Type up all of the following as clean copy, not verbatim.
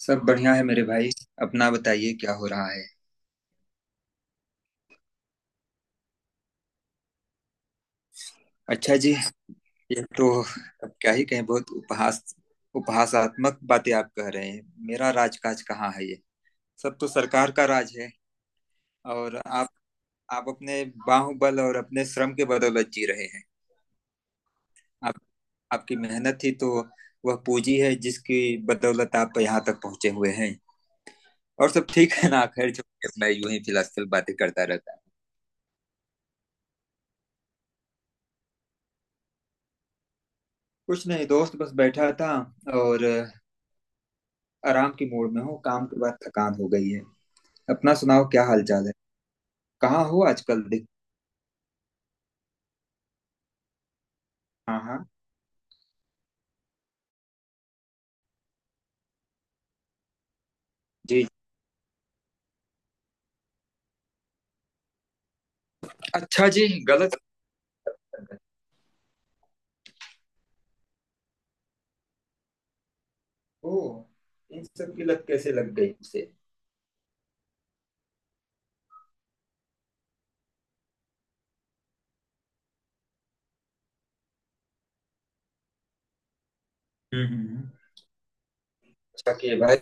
सब बढ़िया है मेरे भाई। अपना बताइए क्या हो रहा है। अच्छा जी। ये तो, अब क्या ही कहें, बहुत उपहासात्मक बातें आप कह रहे हैं। मेरा राजकाज कहाँ है? ये सब तो सरकार का राज है। और आप अपने बाहुबल और अपने श्रम के बदौलत जी रहे हैं। आप आपकी मेहनत ही तो वह पूंजी है जिसकी बदौलत आप यहाँ तक पहुंचे हुए हैं। और सब ठीक है ना? खैर छोड़िए, मैं यूं ही फिलहाल बातें करता रहता हूँ। कुछ नहीं दोस्त, बस बैठा था और आराम की मूड में हूँ। काम के बाद थकान हो गई है। अपना सुनाओ, क्या हाल चाल है? कहाँ हो आजकल देख। हाँ हाँ। जी। अच्छा जी, गलत। ओ। इन सब की लत कैसे लग गई उसे? हम्म, अच्छा किए भाई।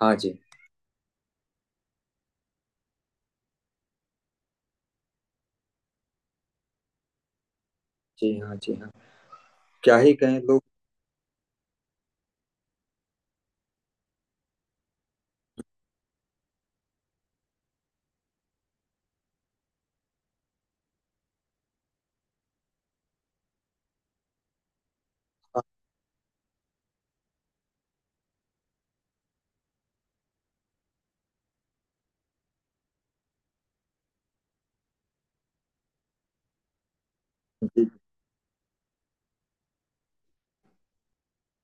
हाँ जी। जी हाँ, जी हाँ। क्या ही कहें लोग। हाँ जी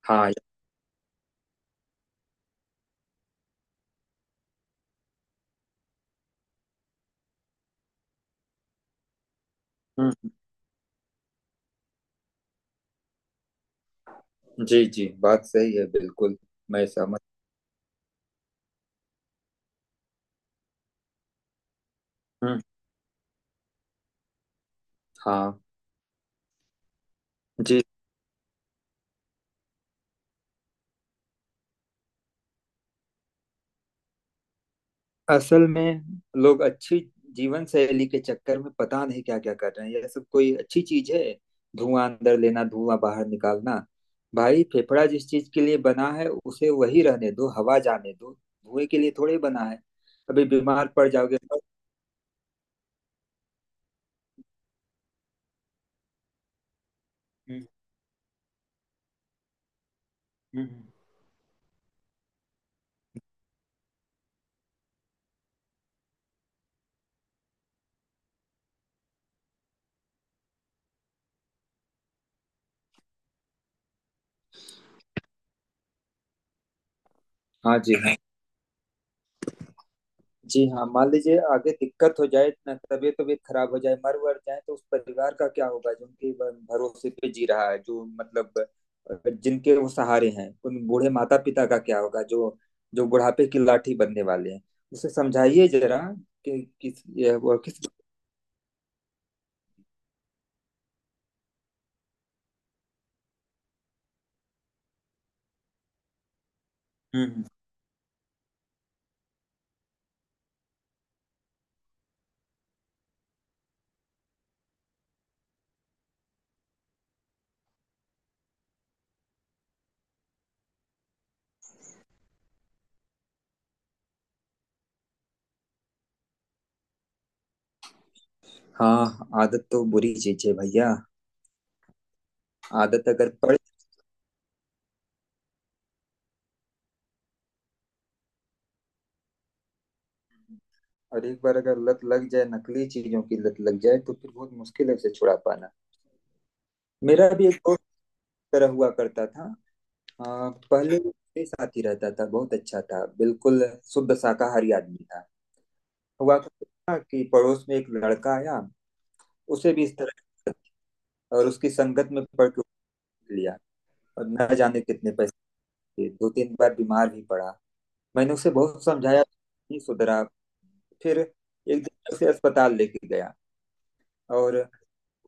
हाँ। हम्म। जी जी, बात सही है बिल्कुल। मैं सहमत हूँ। हाँ जी। असल में लोग अच्छी जीवन शैली के चक्कर में पता नहीं क्या क्या कर रहे हैं। यह सब कोई अच्छी चीज है? धुआं अंदर लेना, धुआं बाहर निकालना। भाई फेफड़ा जिस चीज के लिए बना है उसे वही रहने दो। हवा जाने दो, धुएं के लिए थोड़े बना है। अभी बीमार पड़ जाओगे। हम्म, हम्म। हाँ जी हाँ। जी हाँ, मान लीजिए आगे दिक्कत हो जाए ना, तबीयत तबीयत खराब हो जाए, मर वर जाए, तो उस परिवार का क्या होगा जो उनके भरोसे पे जी रहा है, जो मतलब, जिनके वो सहारे हैं, उन बूढ़े माता पिता का क्या होगा जो जो बुढ़ापे की लाठी बनने वाले हैं। उसे समझाइए जरा। कि किस, यह वो किस। हम्म। हाँ। आदत तो बुरी चीज है भैया। आदत अगर पड़, और एक बार अगर लत लग जाए, नकली चीजों की लत लग जाए, तो फिर बहुत मुश्किल है उसे छुड़ा पाना। मेरा भी एक दोस्त इस तरह हुआ करता था। पहले मेरे साथ ही रहता था, बहुत अच्छा था, बिल्कुल शुद्ध शाकाहारी आदमी था। हुआ क्या था कि पड़ोस में एक लड़का आया। उसे भी इस तरह की आदत थी, और उसकी संगत में पड़ के उठ लिया। और न जाने कितने पैसे दिए, दो तीन बार बीमार भी पड़ा। मैंने उसे बहुत समझाया, नहीं सुधरा। फिर एक दिन उसे अस्पताल लेके गया और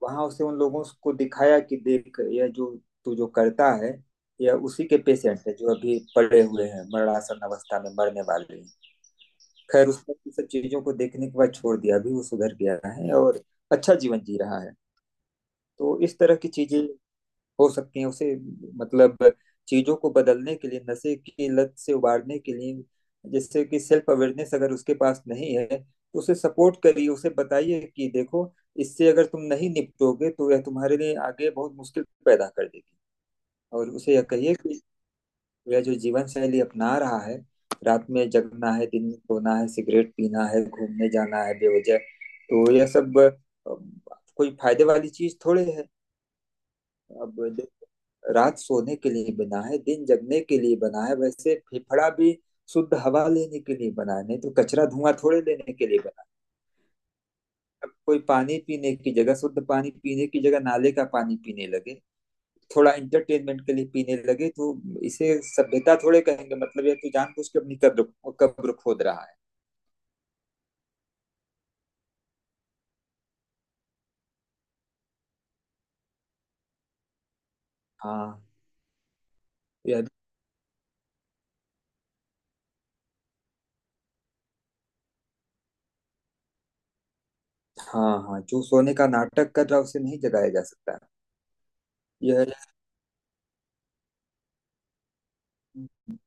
वहां उसे उन लोगों को दिखाया कि देख, यह जो तू जो करता है, यह उसी के पेशेंट है जो अभी पड़े हुए हैं, मरणासन अवस्था में मरने वाले हैं। खैर, उसने इन सब चीजों को देखने के बाद छोड़ दिया। अभी वो सुधर गया है और अच्छा जीवन जी रहा है। तो इस तरह की चीजें हो सकती हैं उसे। मतलब, चीजों को बदलने के लिए, नशे की लत से उबारने के लिए, जैसे कि सेल्फ अवेयरनेस अगर उसके पास नहीं है तो उसे सपोर्ट करिए। उसे बताइए कि देखो, इससे अगर तुम नहीं निपटोगे तो यह तुम्हारे लिए आगे बहुत मुश्किल पैदा कर देगी। और उसे यह कहिए कि तो यह जो जीवन शैली अपना रहा है, रात में जगना है, दिन में सोना है, सिगरेट पीना है, घूमने जाना है बेवजह, तो यह सब कोई फायदे वाली चीज थोड़े है। अब रात सोने के लिए बना है, दिन जगने के लिए बना है। वैसे फेफड़ा भी शुद्ध हवा लेने के लिए बना है, नहीं तो कचरा धुआं थोड़े लेने के लिए बना है। अब कोई पानी पीने की जगह, शुद्ध पानी पीने की जगह नाले का पानी पीने लगे, थोड़ा एंटरटेनमेंट के लिए पीने लगे, तो इसे सभ्यता थोड़े कहेंगे? मतलब ये तो जानबूझ के अपनी कब्र कब्र खोद रहा है। हाँ। यह। हाँ हाँ, जो सोने का नाटक कर रहा है उसे नहीं जगाया जा सकता। यह। हम्म,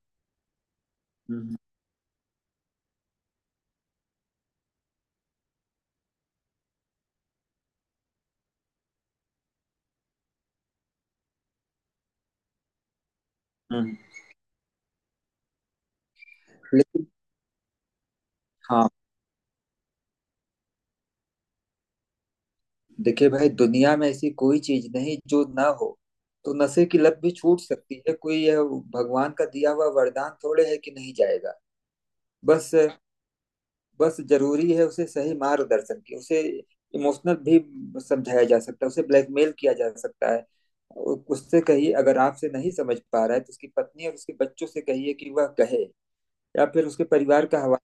हम्म। लेकिन। हाँ। देखिए भाई, दुनिया में ऐसी कोई चीज नहीं जो ना हो, तो नशे की लत भी छूट सकती है। कोई यह भगवान का दिया हुआ वरदान थोड़े है कि नहीं जाएगा। बस बस, जरूरी है उसे सही मार्गदर्शन की। उसे इमोशनल भी समझाया जा सकता है, उसे ब्लैकमेल किया जा सकता है। उससे कहिए, अगर आपसे नहीं समझ पा रहा है तो उसकी पत्नी और उसके बच्चों से कहिए कि वह कहे। या फिर उसके परिवार का हवा।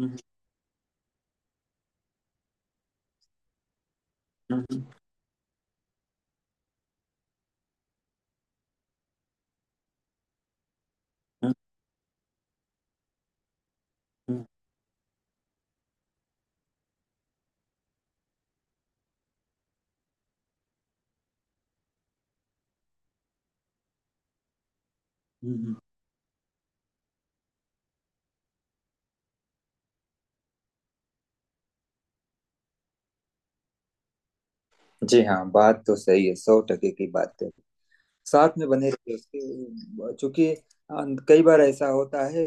हम्म, हम्म, हम्म, हम्म, हम्म। जी हाँ, बात तो सही है, सौ टके की बात है। साथ में बने रहिए उसके, चूंकि अ, कई बार ऐसा होता है।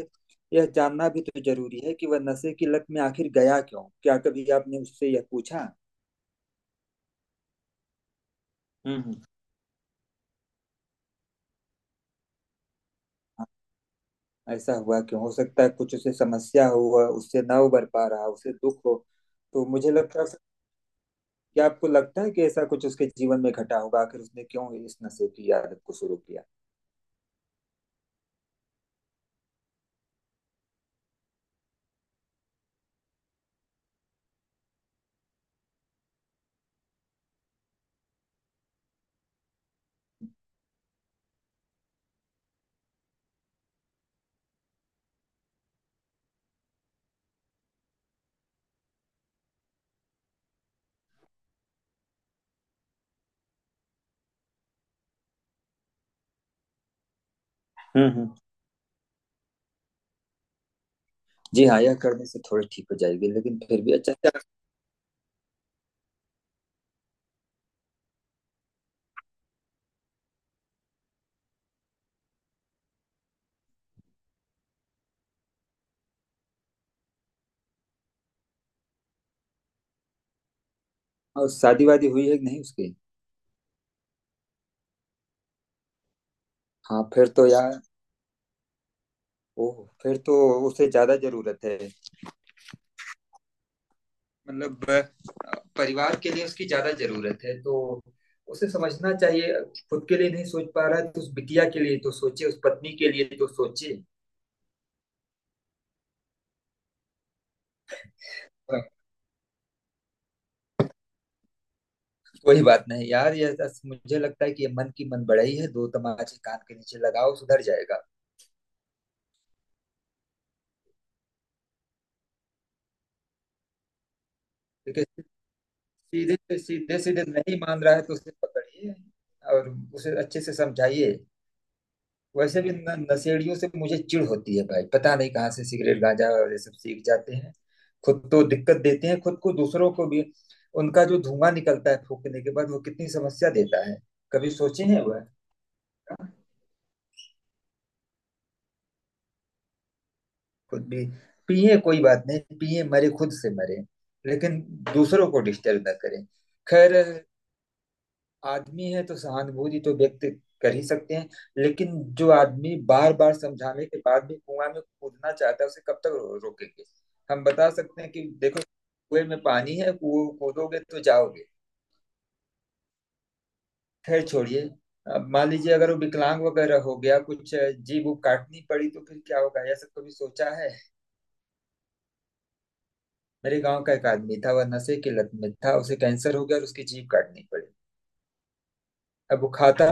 यह जानना भी तो जरूरी है कि वह नशे की लत में आखिर गया क्यों। क्या कभी आपने उससे यह पूछा? हम्म। ऐसा हुआ क्यों? हो सकता है कुछ उसे समस्या हो, वह उससे ना उबर पा रहा, उसे दुख हो। तो मुझे लगता है, क्या आपको लगता है कि ऐसा कुछ उसके जीवन में घटा होगा? आखिर उसने क्यों इस नशे की आदत को शुरू किया? हम्म, हम्म। जी हाँ, यह करने से थोड़ी ठीक हो जाएगी लेकिन फिर भी अच्छा। और शादी वादी हुई है कि नहीं उसकी? हाँ फिर तो यार। ओह फिर तो उसे ज्यादा जरूरत है। मतलब परिवार के लिए उसकी ज्यादा जरूरत है, तो उसे समझना चाहिए। खुद के लिए नहीं सोच पा रहा है तो उस बिटिया के लिए तो सोचे, उस पत्नी के लिए तो सोचे। हाँ। कोई बात नहीं यार, ये बस मुझे लगता है कि ये मन की मन बड़ाई है। दो तमाचे कान के नीचे लगाओ, सुधर जाएगा। क्योंकि सीधे सीधे सीधे नहीं मान रहा है तो उसे पकड़िए और उसे अच्छे से समझाइए। वैसे भी नशेड़ियों से मुझे चिढ़ होती है भाई। पता नहीं कहाँ से सिगरेट, गांजा और ये सब सीख जाते हैं। खुद तो दिक्कत देते हैं, खुद को, दूसरों को भी। उनका जो धुआं निकलता है फूकने के बाद, वो कितनी समस्या देता है, कभी सोचे हैं वह? खुद भी पिए, कोई बात नहीं, पिए मरे, खुद से मरे। लेकिन दूसरों को डिस्टर्ब ना करें। खैर, आदमी है तो सहानुभूति तो व्यक्त कर ही सकते हैं। लेकिन जो आदमी बार बार समझाने के बाद भी कुआं में कूदना चाहता है, उसे कब तक रोकेंगे। हम बता सकते हैं कि देखो, कुएं में पानी है, कूदोगे तो जाओगे। खैर छोड़िए। अब मान लीजिए, अगर वो विकलांग वगैरह हो गया कुछ, जीभ वो काटनी पड़ी, तो फिर क्या होगा? यह सब कभी सोचा है? मेरे गांव का एक आदमी था, वह नशे की लत में था, उसे कैंसर हो गया और उसकी जीभ काटनी पड़ी। अब वो खाता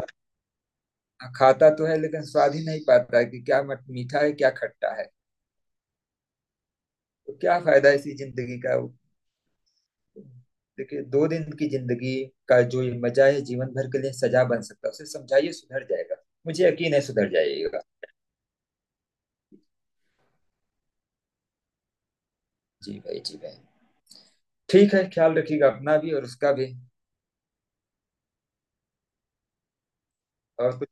खाता तो है, लेकिन स्वाद ही नहीं पाता है कि क्या मीठा है, क्या खट्टा है। तो क्या फायदा इसी जिंदगी का? देखिए, 2 दिन की जिंदगी का जो ये मजा है, जीवन भर के लिए सजा बन सकता है। उसे समझाइए, सुधर जाएगा। मुझे यकीन है सुधर जाइएगा। जी भाई, जी भाई। ठीक है, ख्याल रखिएगा अपना भी और उसका भी। और कुछ।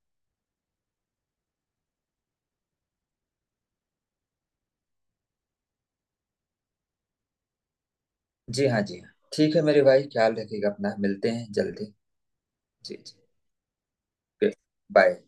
जी हाँ, जी हाँ, ठीक है मेरे भाई। ख्याल रखिएगा अपना, मिलते हैं जल्दी। जी जी। बाय।